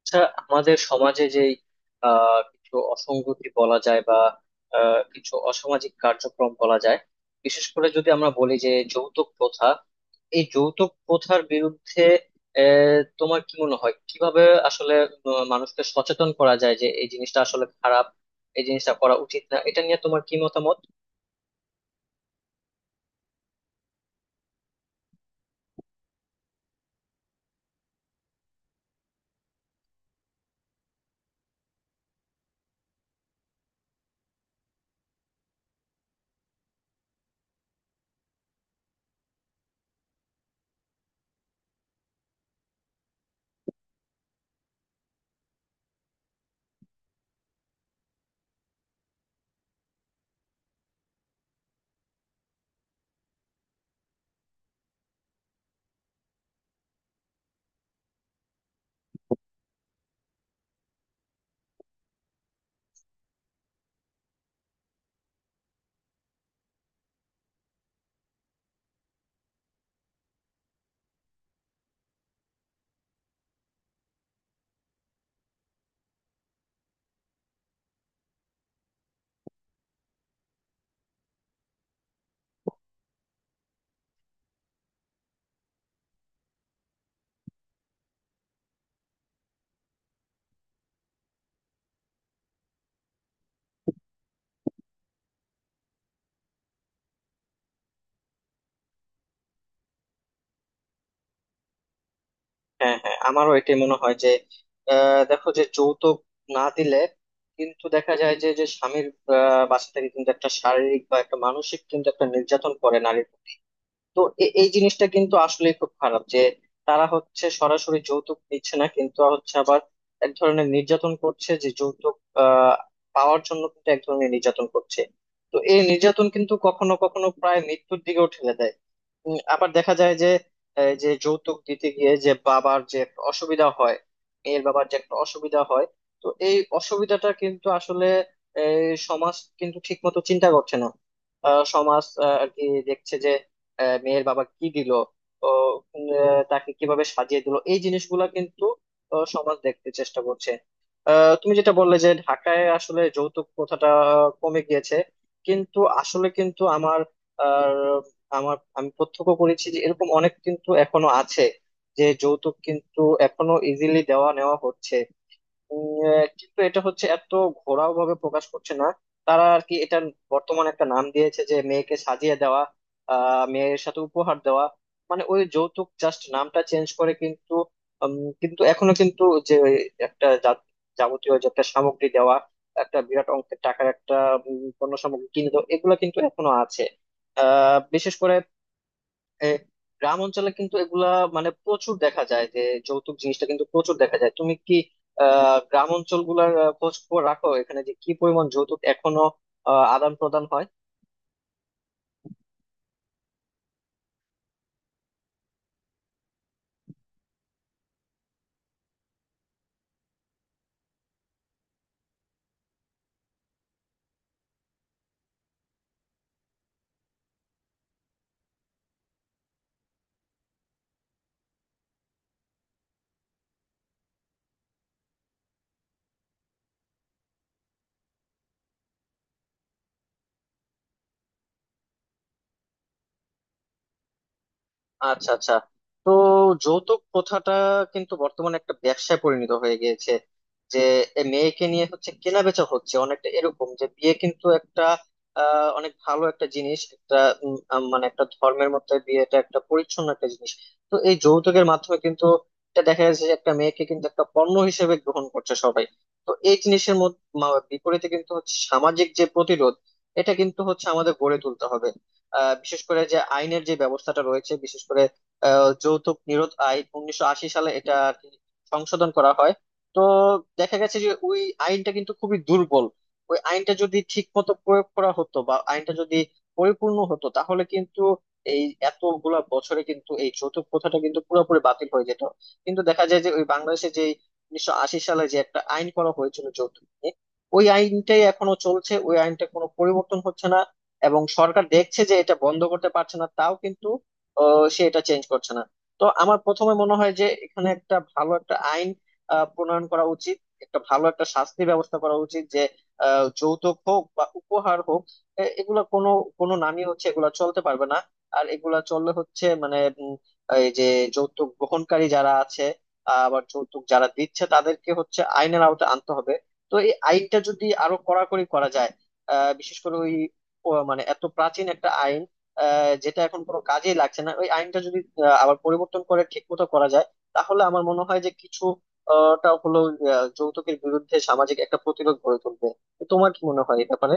আচ্ছা, আমাদের সমাজে যেই কিছু অসঙ্গতি বলা যায় বা কিছু অসামাজিক কার্যক্রম বলা যায়। বিশেষ করে যদি আমরা বলি যে যৌতুক প্রথা, এই যৌতুক প্রথার বিরুদ্ধে তোমার কি মনে হয় কিভাবে আসলে মানুষকে সচেতন করা যায় যে এই জিনিসটা আসলে খারাপ, এই জিনিসটা করা উচিত না, এটা নিয়ে তোমার কি মতামত? হ্যাঁ হ্যাঁ, আমারও এটাই মনে হয় যে দেখো যে যৌতুক না দিলে কিন্তু দেখা যায় যে যে স্বামীর বাসা থেকে কিন্তু একটা শারীরিক বা একটা মানসিক কিন্তু একটা নির্যাতন করে নারীর প্রতি। তো এই জিনিসটা কিন্তু আসলে খুব খারাপ যে তারা হচ্ছে সরাসরি যৌতুক দিচ্ছে না কিন্তু হচ্ছে আবার এক ধরনের নির্যাতন করছে, যে যৌতুক আহ পাওয়ার জন্য কিন্তু এক ধরনের নির্যাতন করছে। তো এই নির্যাতন কিন্তু কখনো কখনো প্রায় মৃত্যুর দিকেও ঠেলে দেয়। আবার দেখা যায় যে এই যে যৌতুক দিতে গিয়ে যে বাবার যে একটা অসুবিধা হয়, মেয়ের বাবার যে একটা অসুবিধা হয়। তো এই অসুবিধাটা কিন্তু আসলে এই সমাজ কিন্তু ঠিক মতো চিন্তা করছে না। সমাজ আর কি দেখছে যে মেয়ের বাবা কি দিল, ও তাকে কিভাবে সাজিয়ে দিল, এই জিনিসগুলা কিন্তু সমাজ দেখতে চেষ্টা করছে। তুমি যেটা বললে যে ঢাকায় আসলে যৌতুক প্রথাটা কমে গিয়েছে, কিন্তু আসলে কিন্তু আমার আমার আমি প্রত্যক্ষ করেছি যে এরকম অনেক কিন্তু এখনো আছে, যে যৌতুক কিন্তু এখনো ইজিলি দেওয়া নেওয়া হচ্ছে। কিন্তু এটা হচ্ছে এত ঘোরাও ভাবে প্রকাশ করছে না। তারা আর কি এটা বর্তমানে একটা নাম দিয়েছে যে মেয়েকে সাজিয়ে দেওয়া, মেয়ের সাথে উপহার দেওয়া, মানে ওই যৌতুক জাস্ট নামটা চেঞ্জ করে কিন্তু উম, কিন্তু এখনো কিন্তু যে ওই একটা যাবতীয় যে একটা সামগ্রী দেওয়া, একটা বিরাট অঙ্কের টাকার একটা পণ্য সামগ্রী কিনে দেওয়া, এগুলো কিন্তু এখনো আছে। বিশেষ করে এ, গ্রাম অঞ্চলে কিন্তু এগুলা মানে প্রচুর দেখা যায় যে যৌতুক জিনিসটা কিন্তু প্রচুর দেখা যায়। তুমি কি গ্রাম অঞ্চল গুলার খোঁজ খবর রাখো, এখানে যে কি পরিমাণ যৌতুক এখনো আদান প্রদান হয়? আচ্ছা আচ্ছা, তো যৌতুক প্রথাটা কিন্তু বর্তমানে একটা ব্যবসায় পরিণত হয়ে গিয়েছে, যে এ মেয়েকে নিয়ে হচ্ছে কেনা বেচা হচ্ছে অনেকটা এরকম। যে বিয়ে কিন্তু একটা অনেক ভালো একটা জিনিস, একটা মানে একটা ধর্মের মধ্যে বিয়েটা একটা পরিচ্ছন্ন একটা জিনিস। তো এই যৌতুকের মাধ্যমে কিন্তু এটা দেখা যাচ্ছে যে একটা মেয়েকে কিন্তু একটা পণ্য হিসেবে গ্রহণ করছে সবাই। তো এই জিনিসের মধ্যে বিপরীতে কিন্তু হচ্ছে সামাজিক যে প্রতিরোধ, এটা কিন্তু হচ্ছে আমাদের গড়ে তুলতে হবে। বিশেষ করে যে আইনের যে ব্যবস্থাটা রয়েছে, বিশেষ করে যৌতুক নিরোধ আইন 1980 সালে এটা আর কি সংশোধন করা হয়। তো দেখা গেছে যে ওই আইনটা কিন্তু খুবই দুর্বল। ওই আইনটা যদি ঠিক মতো প্রয়োগ করা হতো বা আইনটা যদি পরিপূর্ণ হতো তাহলে কিন্তু এই এতগুলা বছরে কিন্তু এই যৌতুক প্রথাটা কিন্তু পুরোপুরি বাতিল হয়ে যেত। কিন্তু দেখা যায় যে ওই বাংলাদেশে যে 1980 সালে যে একটা আইন করা হয়েছিল যৌতুক নিয়ে, ওই আইনটাই এখনো চলছে, ওই আইনটা কোনো পরিবর্তন হচ্ছে না। এবং সরকার দেখছে যে এটা বন্ধ করতে পারছে না, তাও কিন্তু সে এটা চেঞ্জ করছে না। তো আমার প্রথমে মনে হয় যে এখানে একটা ভালো একটা আইন প্রণয়ন করা উচিত, একটা ভালো একটা শাস্তির ব্যবস্থা করা উচিত যে যৌতুক হোক বা উপহার হোক এগুলা কোনো কোনো নামই হচ্ছে এগুলা চলতে পারবে না। আর এগুলা চললে হচ্ছে মানে উম, এই যে যৌতুক গ্রহণকারী যারা আছে, আবার যৌতুক যারা দিচ্ছে, তাদেরকে হচ্ছে আইনের আওতায় আনতে হবে। তো এই আইনটা যদি আরো কড়াকড়ি করা যায়, বিশেষ করে ওই ও মানে এত প্রাচীন একটা আইন যেটা এখন কোনো কাজেই লাগছে না, ওই আইনটা যদি আবার পরিবর্তন করে ঠিক মতো করা যায় তাহলে আমার মনে হয় যে কিছু টা হলো যৌতুকের বিরুদ্ধে সামাজিক একটা প্রতিরোধ গড়ে তুলবে। তো তোমার কি মনে হয় এই ব্যাপারে?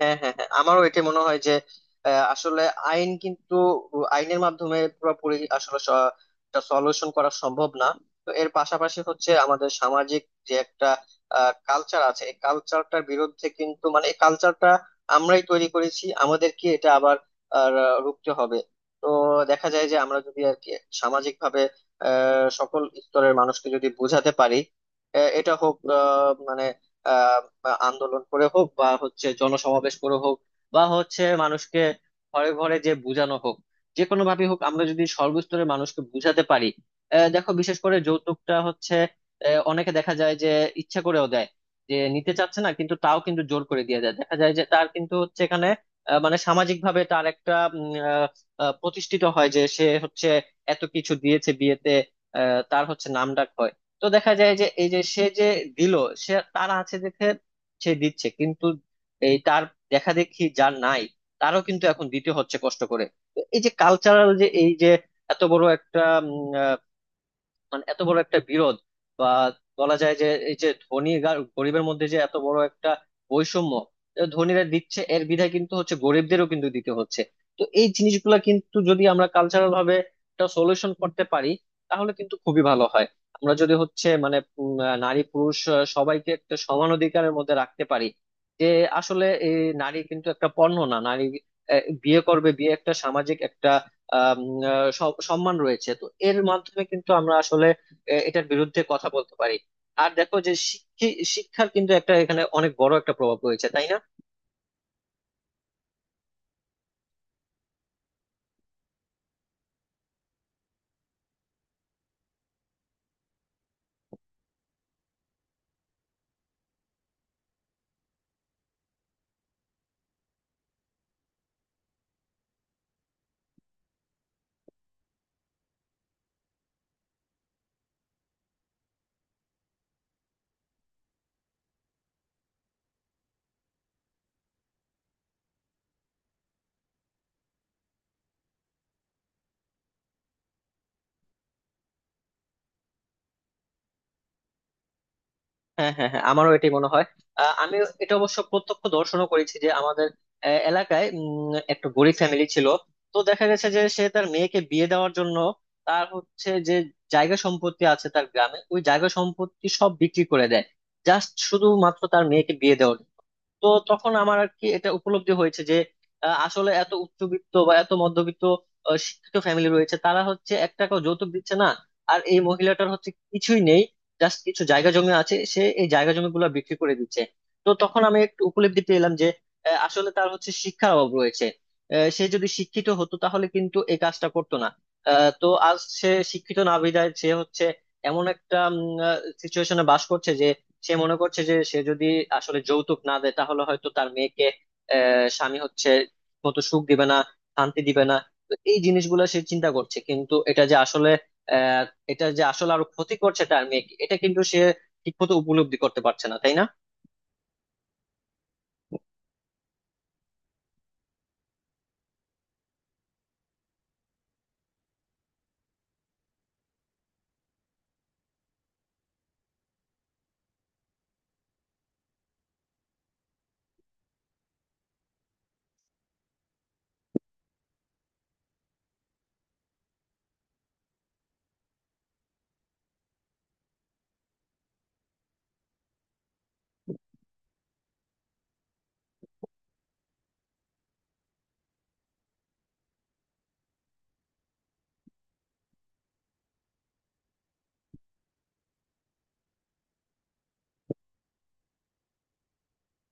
হ্যাঁ হ্যাঁ হ্যাঁ, আমারও এটা মনে হয় যে আসলে আইন কিন্তু আইনের মাধ্যমে পুরোপুরি আসলে সলিউশন করা সম্ভব না। তো এর পাশাপাশি হচ্ছে আমাদের সামাজিক যে একটা কালচার আছে, এই কালচারটার বিরুদ্ধে কিন্তু মানে এই কালচারটা আমরাই তৈরি করেছি, আমাদেরকে এটা আবার রুখতে হবে। তো দেখা যায় যে আমরা যদি আর কি সামাজিক ভাবে সকল স্তরের মানুষকে যদি বোঝাতে পারি, এটা হোক মানে বা আন্দোলন করে হোক বা হচ্ছে জনসমাবেশ করে হোক বা হচ্ছে মানুষকে ঘরে ঘরে যে বুঝানো হোক, যে কোনো ভাবে হোক আমরা যদি সর্বস্তরের মানুষকে বুঝাতে পারি। দেখো বিশেষ করে যৌতুকটা হচ্ছে অনেকে দেখা যায় যে ইচ্ছা করেও দেয়, যে নিতে চাচ্ছে না কিন্তু তাও কিন্তু জোর করে দিয়ে দেয়। দেখা যায় যে তার কিন্তু হচ্ছে এখানে মানে সামাজিক ভাবে তার একটা প্রতিষ্ঠিত হয় যে সে হচ্ছে এত কিছু দিয়েছে বিয়েতে, তার হচ্ছে নাম ডাক হয়। তো দেখা যায় যে এই যে সে যে দিল, সে তার আছে দেখে সে দিচ্ছে কিন্তু এই তার দেখা দেখি যার নাই, তারও কিন্তু এখন দিতে হচ্ছে কষ্ট করে। তো এই যে কালচারাল যে এই যে এত বড় একটা মানে এত বড় একটা বিরোধ বা বলা যায় যে এই যে ধনী আর গরিবের মধ্যে যে এত বড় একটা বৈষম্য, এ ধনীরা দিচ্ছে এর বিধায় কিন্তু হচ্ছে গরিবদেরও কিন্তু দিতে হচ্ছে। তো এই জিনিসগুলা কিন্তু যদি আমরা কালচারাল ভাবে একটা সলিউশন করতে পারি তাহলে কিন্তু খুবই ভালো হয়। আমরা যদি হচ্ছে মানে নারী পুরুষ সবাইকে একটা সমান অধিকারের মধ্যে রাখতে পারি যে আসলে এই নারী কিন্তু একটা পণ্য না, নারী বিয়ে করবে, বিয়ে একটা সামাজিক একটা আম, সম্মান রয়েছে। তো এর মাধ্যমে কিন্তু আমরা আসলে এটার বিরুদ্ধে কথা বলতে পারি। আর দেখো যে শিক্ষার কিন্তু একটা এখানে অনেক বড় একটা প্রভাব রয়েছে, তাই না? হ্যাঁ হ্যাঁ হ্যাঁ, আমারও এটাই মনে হয়। আমি এটা অবশ্য প্রত্যক্ষ দর্শনও করেছি যে আমাদের এলাকায় একটা গরিব ফ্যামিলি ছিল। তো দেখা গেছে যে সে তার মেয়েকে বিয়ে দেওয়ার জন্য তার হচ্ছে যে জায়গা সম্পত্তি আছে তার গ্রামে, ওই জায়গা সম্পত্তি সব বিক্রি করে দেয় জাস্ট শুধুমাত্র তার মেয়েকে বিয়ে দেওয়ার জন্য। তো তখন আমার আর কি এটা উপলব্ধি হয়েছে যে আসলে এত উচ্চবিত্ত বা এত মধ্যবিত্ত শিক্ষিত ফ্যামিলি রয়েছে, তারা হচ্ছে এক টাকাও যৌতুক দিচ্ছে না। আর এই মহিলাটার হচ্ছে কিছুই নেই, জাস্ট কিছু জায়গা জমি আছে, সে এই জায়গা জমি গুলো বিক্রি করে দিচ্ছে। তো তখন আমি একটু উপলব্ধি পেলাম যে আসলে তার হচ্ছে শিক্ষার অভাব রয়েছে। সে যদি শিক্ষিত হতো তাহলে কিন্তু এই কাজটা করতো না। তো আজ সে শিক্ষিত না বিধায় সে হচ্ছে এমন একটা সিচুয়েশনে বাস করছে। সে মনে করছে যে সে যদি আসলে যৌতুক না দেয় তাহলে হয়তো তার মেয়েকে স্বামী হচ্ছে মতো সুখ দিবে না, শান্তি দিবে না। তো এই জিনিসগুলো সে চিন্তা করছে, কিন্তু এটা যে আসলে আহ এটা যে আসলে আরো ক্ষতি করছে তার মেয়েকে, এটা কিন্তু সে ঠিক মতো উপলব্ধি করতে পারছে না, তাই না?